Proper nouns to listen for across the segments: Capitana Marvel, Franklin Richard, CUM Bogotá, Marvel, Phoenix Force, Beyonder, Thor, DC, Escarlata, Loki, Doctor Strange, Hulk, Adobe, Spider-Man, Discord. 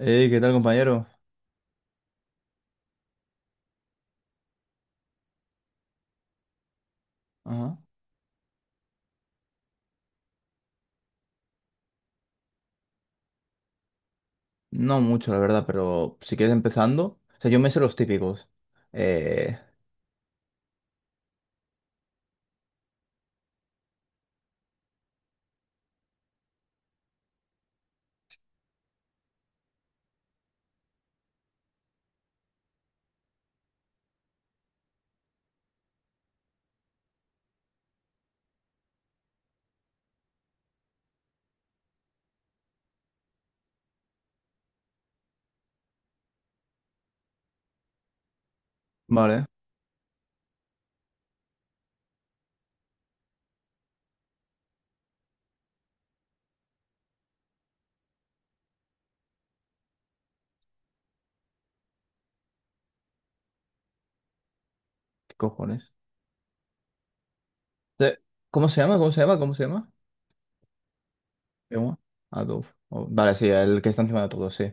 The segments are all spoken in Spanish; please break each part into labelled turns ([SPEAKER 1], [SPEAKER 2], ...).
[SPEAKER 1] Hey, ¿qué tal, compañero? Ajá. No mucho, la verdad, pero si quieres empezando. O sea, yo me sé los típicos. Eh, vale, ¿qué cojones? Te- ¿Cómo se llama? ¿Cómo se llama? ¿Cómo se llama? ¿Cómo? Adobe. Oh, vale, sí, el que está encima de todo, sí.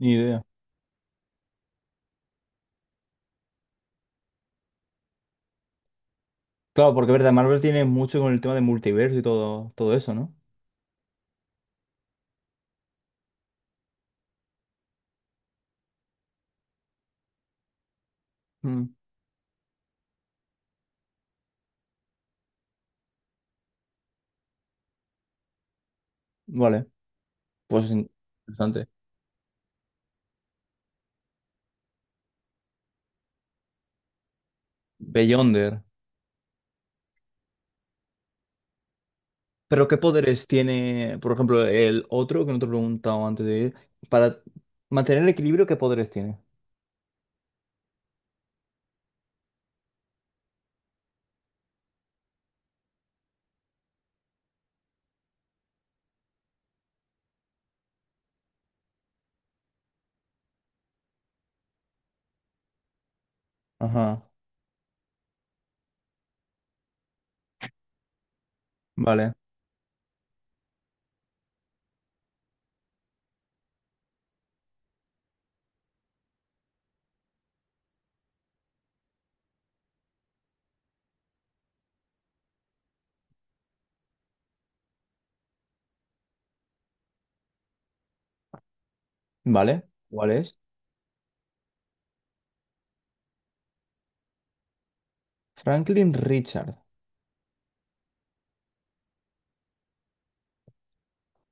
[SPEAKER 1] Ni idea. Claro, porque verdad, Marvel tiene mucho con el tema de multiverso y todo, todo eso, ¿no? Mm, vale, pues in- interesante. Beyonder. ¿Pero qué poderes tiene, por ejemplo, el otro que no te he preguntado antes de ir? Para mantener el equilibrio, ¿qué poderes tiene? Ajá, vale, vale. ¿Cuál es? Franklin Richard.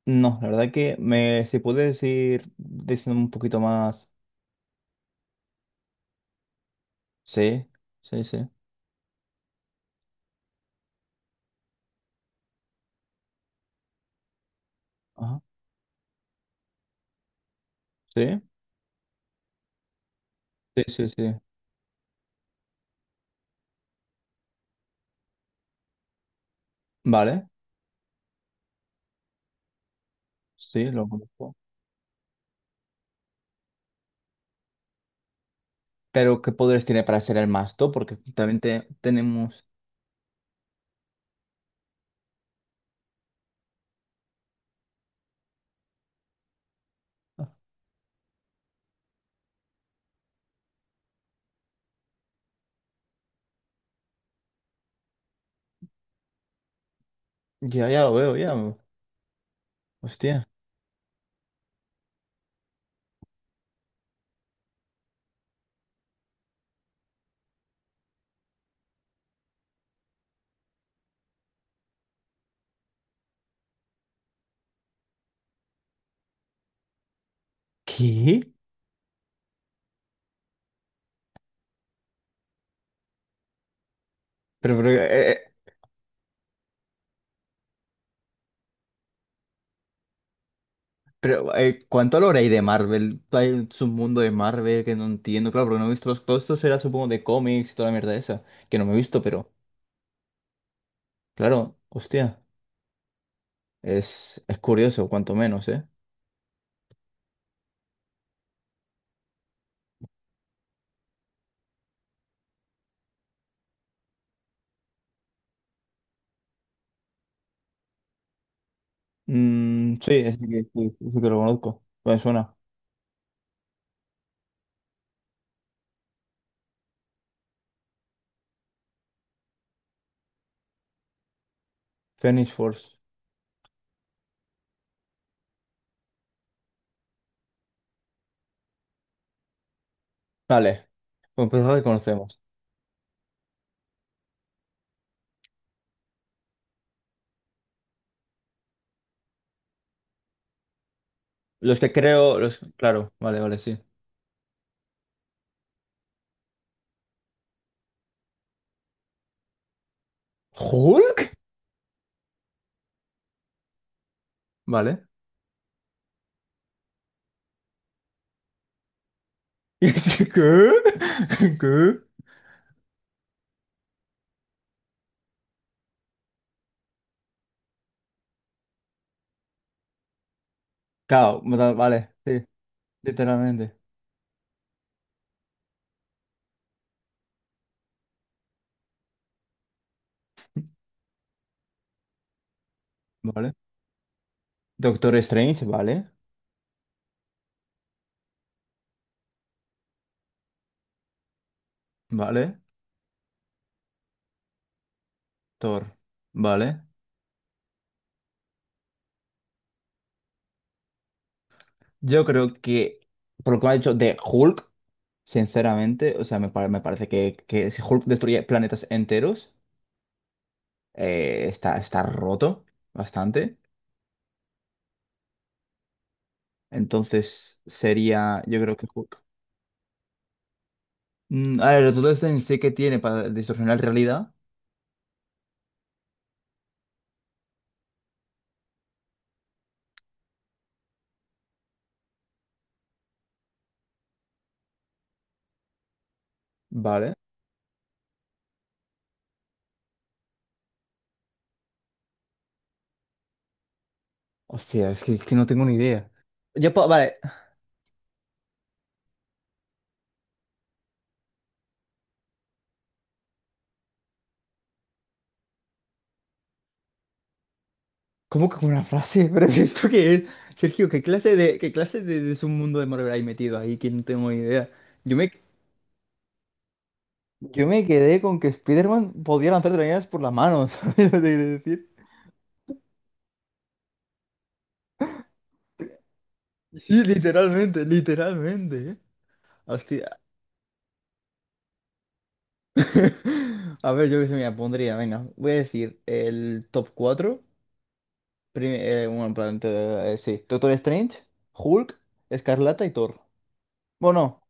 [SPEAKER 1] No, la verdad que me, si puedes ir diciendo un poquito más. Sí, sí, sí. Ajá, sí, sí, sí, sí. Vale, sí, lo conozco. Pero, ¿qué poderes tiene para ser el masto? Porque también tenemos. Ya, ya lo veo, ya. Hostia. ¿Qué? Pero, pero, eh, eh, Pero, ¿cuánto hablará ahí de Marvel? Hay un mundo de Marvel que no entiendo, claro, porque no he visto los todos esto será supongo de cómics y toda la mierda esa, que no me he visto, pero claro, hostia, es curioso, cuanto menos, ¿eh? Mm, sí, es que, sí, ese que lo conozco, me suena. Phoenix Force. Vale, pues empezamos que conocemos. Los que creo, los, claro, vale, vale, sí. ¿Hulk? Vale. ¿Qué? ¿Qué? Claro, vale, sí, literalmente. Vale. Doctor Strange, vale, vale. Thor, vale. Yo creo que, por lo que me ha dicho de Hulk, sinceramente, o sea, me, me parece que si Hulk destruye planetas enteros, está, está roto bastante. Entonces sería, yo creo que Hulk. Mm, a ver, Doctor Strange sí que tiene para distorsionar realidad, vale. Hostia, es que no tengo ni idea. Yo puedo, vale. ¿Cómo que con una frase? ¿Pero esto qué es? Sergio, qué clase de submundo de Marvel hay metido ahí? Que no tengo ni idea. Yo me, yo me quedé con que Spider-Man podía lanzar telarañas por las manos, ¿sabes lo que quiero decir? Sí, literalmente, literalmente, ¿eh? Hostia. A ver, yo qué se me pondría, venga, voy a decir el top cuatro. Bueno, en plan, sí. Doctor Strange, Hulk, Escarlata y Thor. Bueno,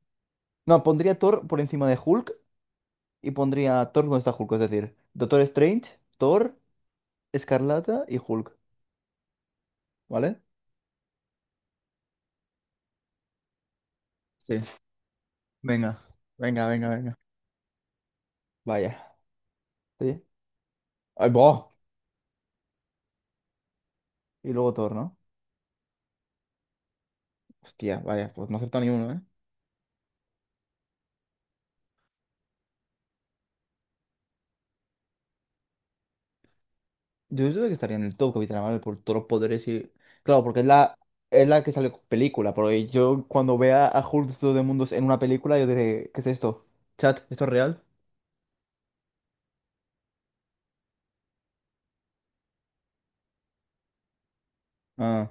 [SPEAKER 1] no, pondría Thor por encima de Hulk. Y pondría a Thor donde está Hulk, es decir, Doctor Strange, Thor, Escarlata y Hulk, ¿vale? Sí. Venga, venga, venga, venga. Vaya. ¿Sí? ¡Ay, boh! Y luego Thor, ¿no? Hostia, vaya, pues no acepta ni uno, ¿eh? Yo creo que estaría en el top Capitana Marvel por todos los poderes y... Claro, porque es la que sale con película, pero yo cuando vea a Hulk de todo el mundo en una película, yo diré, ¿qué es esto? ¿Chat? ¿Esto es real? Ah,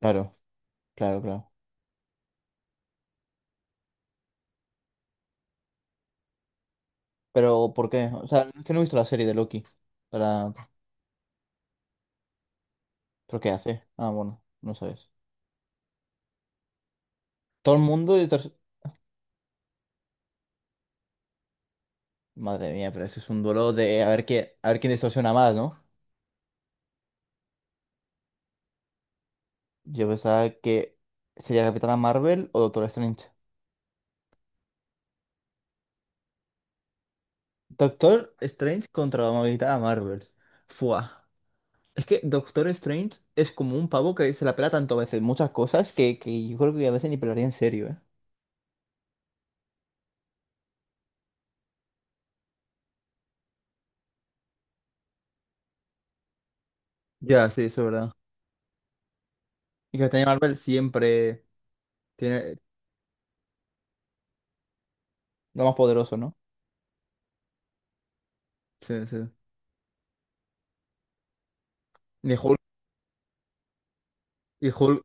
[SPEAKER 1] claro, claro, claro. Pero, ¿por qué? O sea, es que no he visto la serie de Loki para... ¿Pero qué hace? Ah, bueno, no sabes. Todo el mundo distorsiona. Madre mía, pero ese es un duelo de a ver qué, a ver quién distorsiona más, ¿no? Yo pensaba que sería Capitana Marvel o Doctor Strange. Doctor Strange contra la Capitana Marvel. Fua. Es que Doctor Strange es como un pavo que se la pela tanto a veces muchas cosas que yo creo que a veces ni pelaría en serio, ¿eh? Ya, sí, eso es verdad. Y Capitana Marvel siempre tiene lo más poderoso, ¿no? Sí, sí. Ni Hulk, y Hulk,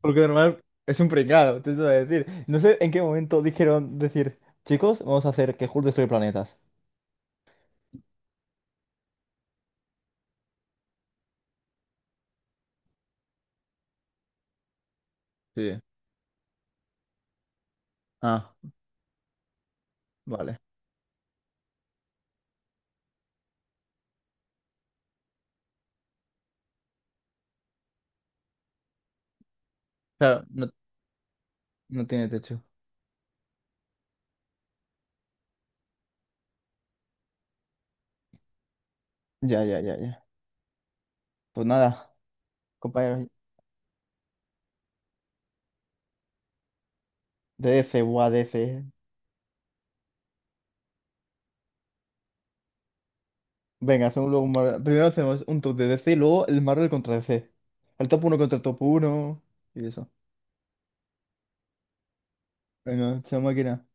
[SPEAKER 1] porque de normal es un pringado, te voy a decir. No sé en qué momento dijeron decir, chicos, vamos a hacer que Hulk destruye planetas. Sí. Ah, vale. Claro, no, no tiene techo. Ya, ya, ya, ya. Pues nada, compañeros, DC, o DC. Venga, hacemos luego un Marvel- Primero hacemos un top de DC y luego el Marvel contra D C. El top uno contra el top uno y eso. Venga, chao máquina.